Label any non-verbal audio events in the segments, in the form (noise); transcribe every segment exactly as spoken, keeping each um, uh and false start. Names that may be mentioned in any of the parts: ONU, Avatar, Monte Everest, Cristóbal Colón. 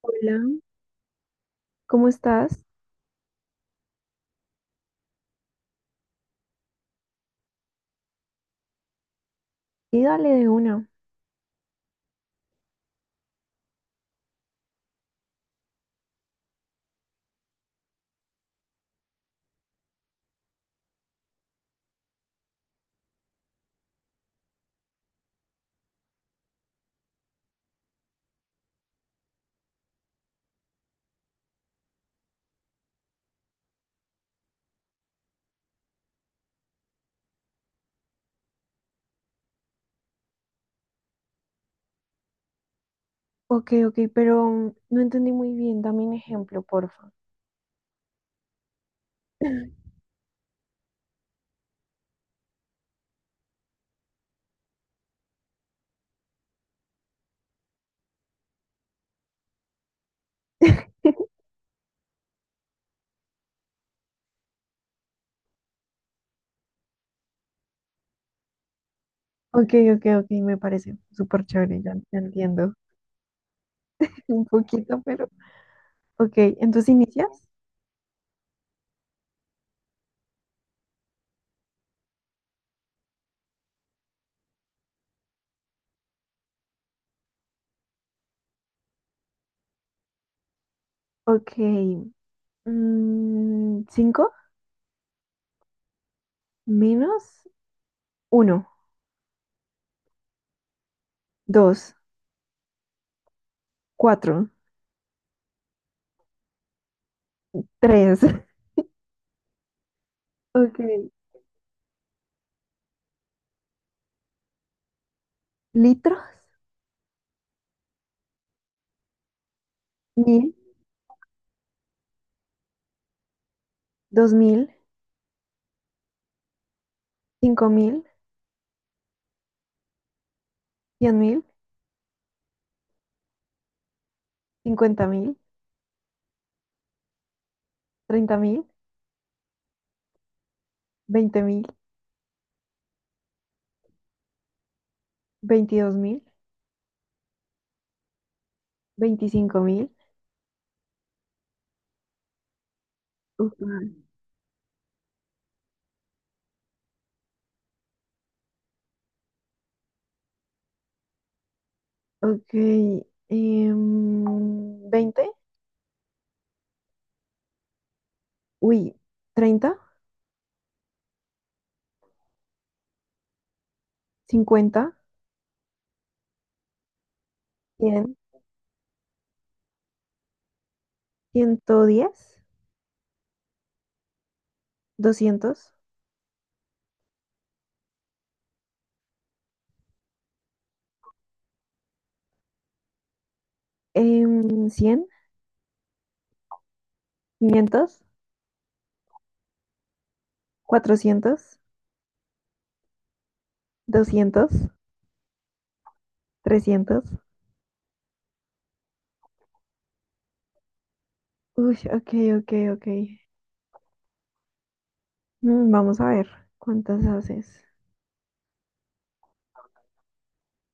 Hola, ¿cómo estás? Y dale de una. Ok, ok, pero mm, no entendí muy bien. Dame un ejemplo, porfa. (laughs) Ok, ok, ok, me parece súper chévere, ya, ya entiendo. (laughs) Un poquito, pero... Ok, entonces inicias. Ok, mm, ¿cinco? ¿Menos? Uno, dos, cuatro, tres. (laughs) Okay. Litros, mil, dos mil, cinco mil, cien mil, cincuenta mil, treinta mil, veinte mil, veintidós mil, veinticinco mil. Uf. Ok. Em, veinte, uy, treinta, cincuenta, cien, ciento diez, doscientos, em, cien, quinientos, cuatrocientos, doscientos, trescientos. Uy, ok, ok, ok. Mm, vamos a ver cuántas haces.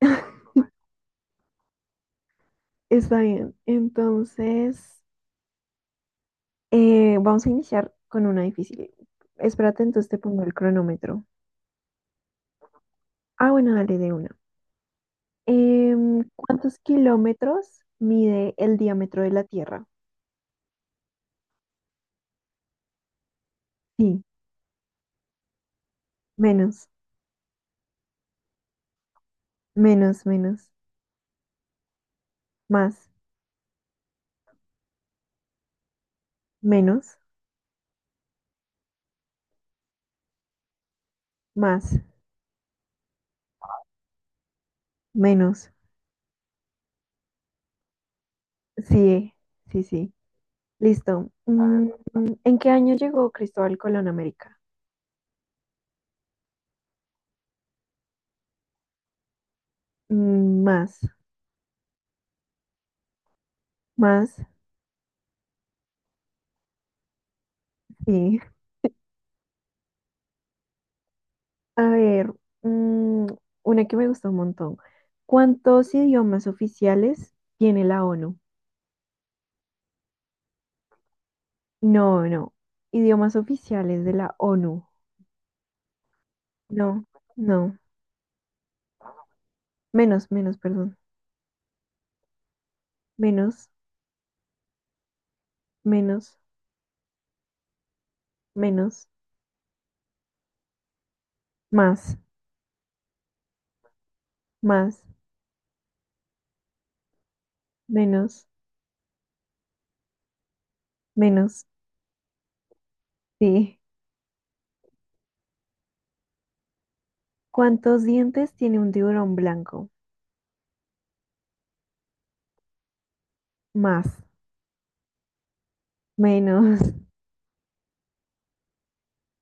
(laughs) Está bien. Entonces, eh, vamos a iniciar con una difícil. Espérate, entonces te pongo el cronómetro. Ah, bueno, dale de una. Em, ¿cuántos kilómetros mide el diámetro de la Tierra? Sí, menos, menos, menos, más, menos, más, menos. Sí, sí, sí. Listo. Mm, ¿en qué año llegó Cristóbal Colón a América? Mm, más, más, sí. A ver, mm, una que me gusta un montón. ¿Cuántos idiomas oficiales tiene la ONU? No, no. Idiomas oficiales de la ONU. No, no. Menos, menos, perdón. Menos, menos, menos, más, más, menos, menos. Sí. ¿Cuántos dientes tiene un tiburón blanco? Más, menos, (laughs)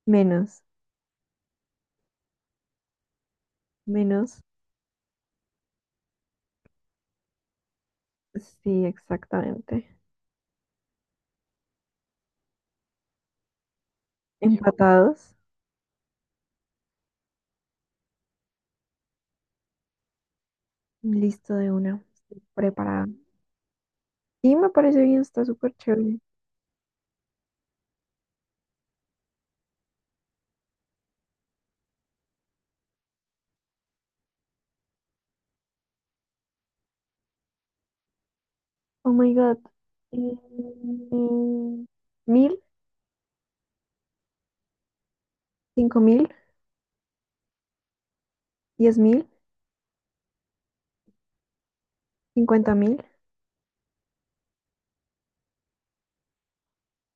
menos, menos. Sí, exactamente. Empatados. Listo de una. Estoy preparada. Sí, me parece bien, está súper chévere. Oh my God. Mm, mil, cinco mil, diez mil, cincuenta mil,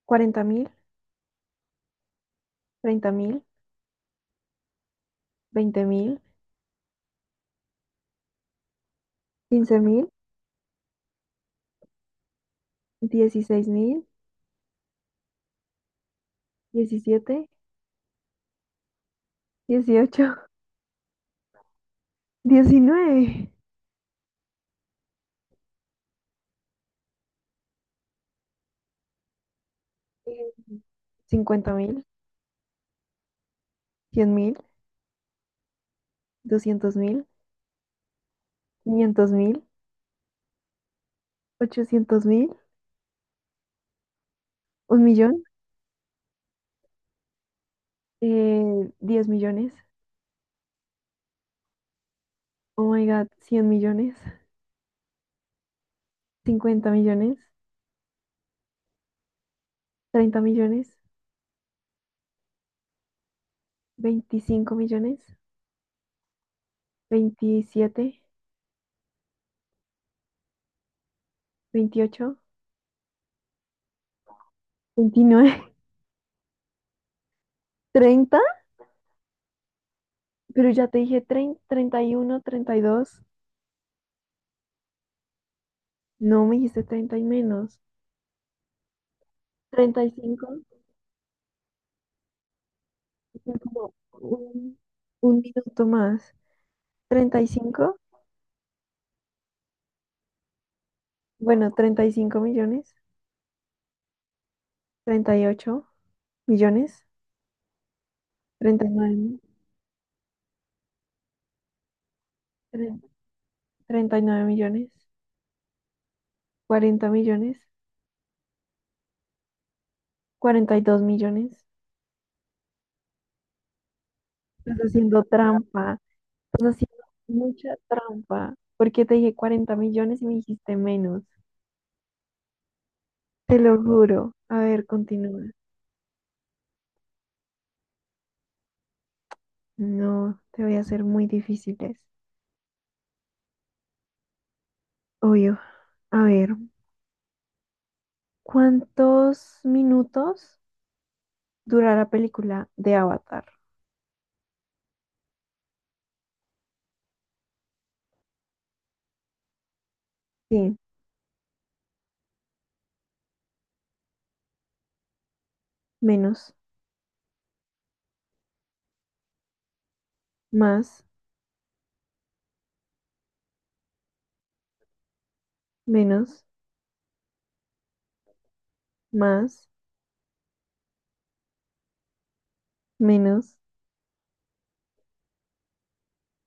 cuarenta mil, treinta mil, veinte mil, quince mil, dieciséis mil, diecisiete, dieciocho, (laughs) diecinueve, cincuenta mil, cien mil, doscientos mil, quinientos mil, ochocientos mil, un millón, eh, diez millones. Oh my God, cien millones. Cincuenta millones, treinta millones, veinticinco millones, veintisiete, veintiocho, veintinueve, (laughs) treinta, pero ya te dije trein- treinta y uno, treinta y dos. No me dijiste treinta y menos, treinta y cinco, son como un, un minuto más, treinta y cinco. Bueno, treinta y cinco millones, treinta y ocho millones, treinta y nueve, nueve tre- treinta y nueve millones, cuarenta millones, cuarenta y dos millones, estás haciendo trampa. Estás haciendo mucha trampa, porque te dije cuarenta millones y me dijiste menos. Te lo juro. A ver, continúa. No, te voy a hacer muy difíciles. Obvio. A ver, ¿cuántos minutos dura la película de Avatar? Sí, menos, más, menos, más, menos,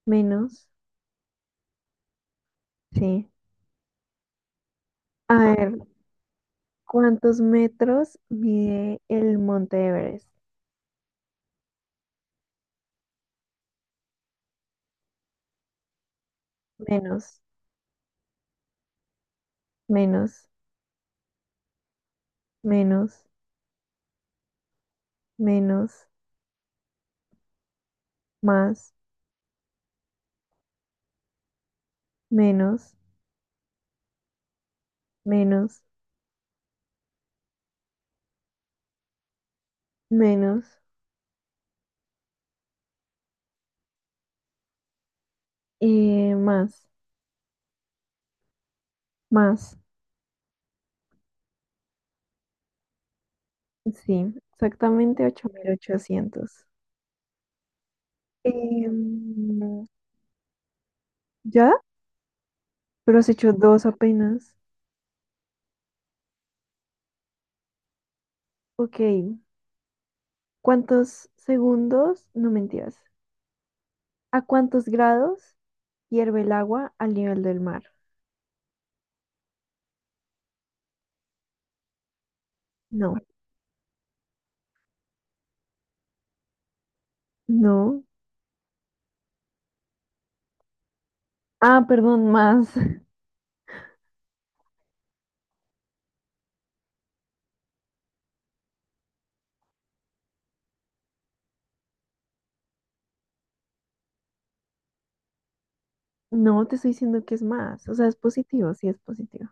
menos. Sí. A ver, ¿cuántos metros mide el Monte Everest? Menos, menos, menos, menos, más, menos, menos, menos, eh, más, más. Sí, exactamente ocho mil ochocientos. Em, ¿ya? Pero has hecho dos apenas. Ok, ¿cuántos segundos? No mentiras. ¿A cuántos grados hierve el agua al nivel del mar? No, no. Ah, perdón, más. (laughs) No, te estoy diciendo que es más. O sea, es positivo, sí es positivo.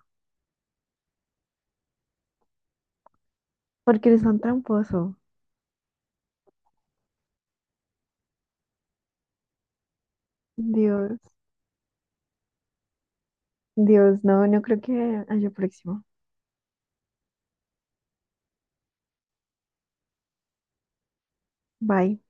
Porque eres tan tramposo. Dios. Dios, no, no creo que haya próximo. Bye.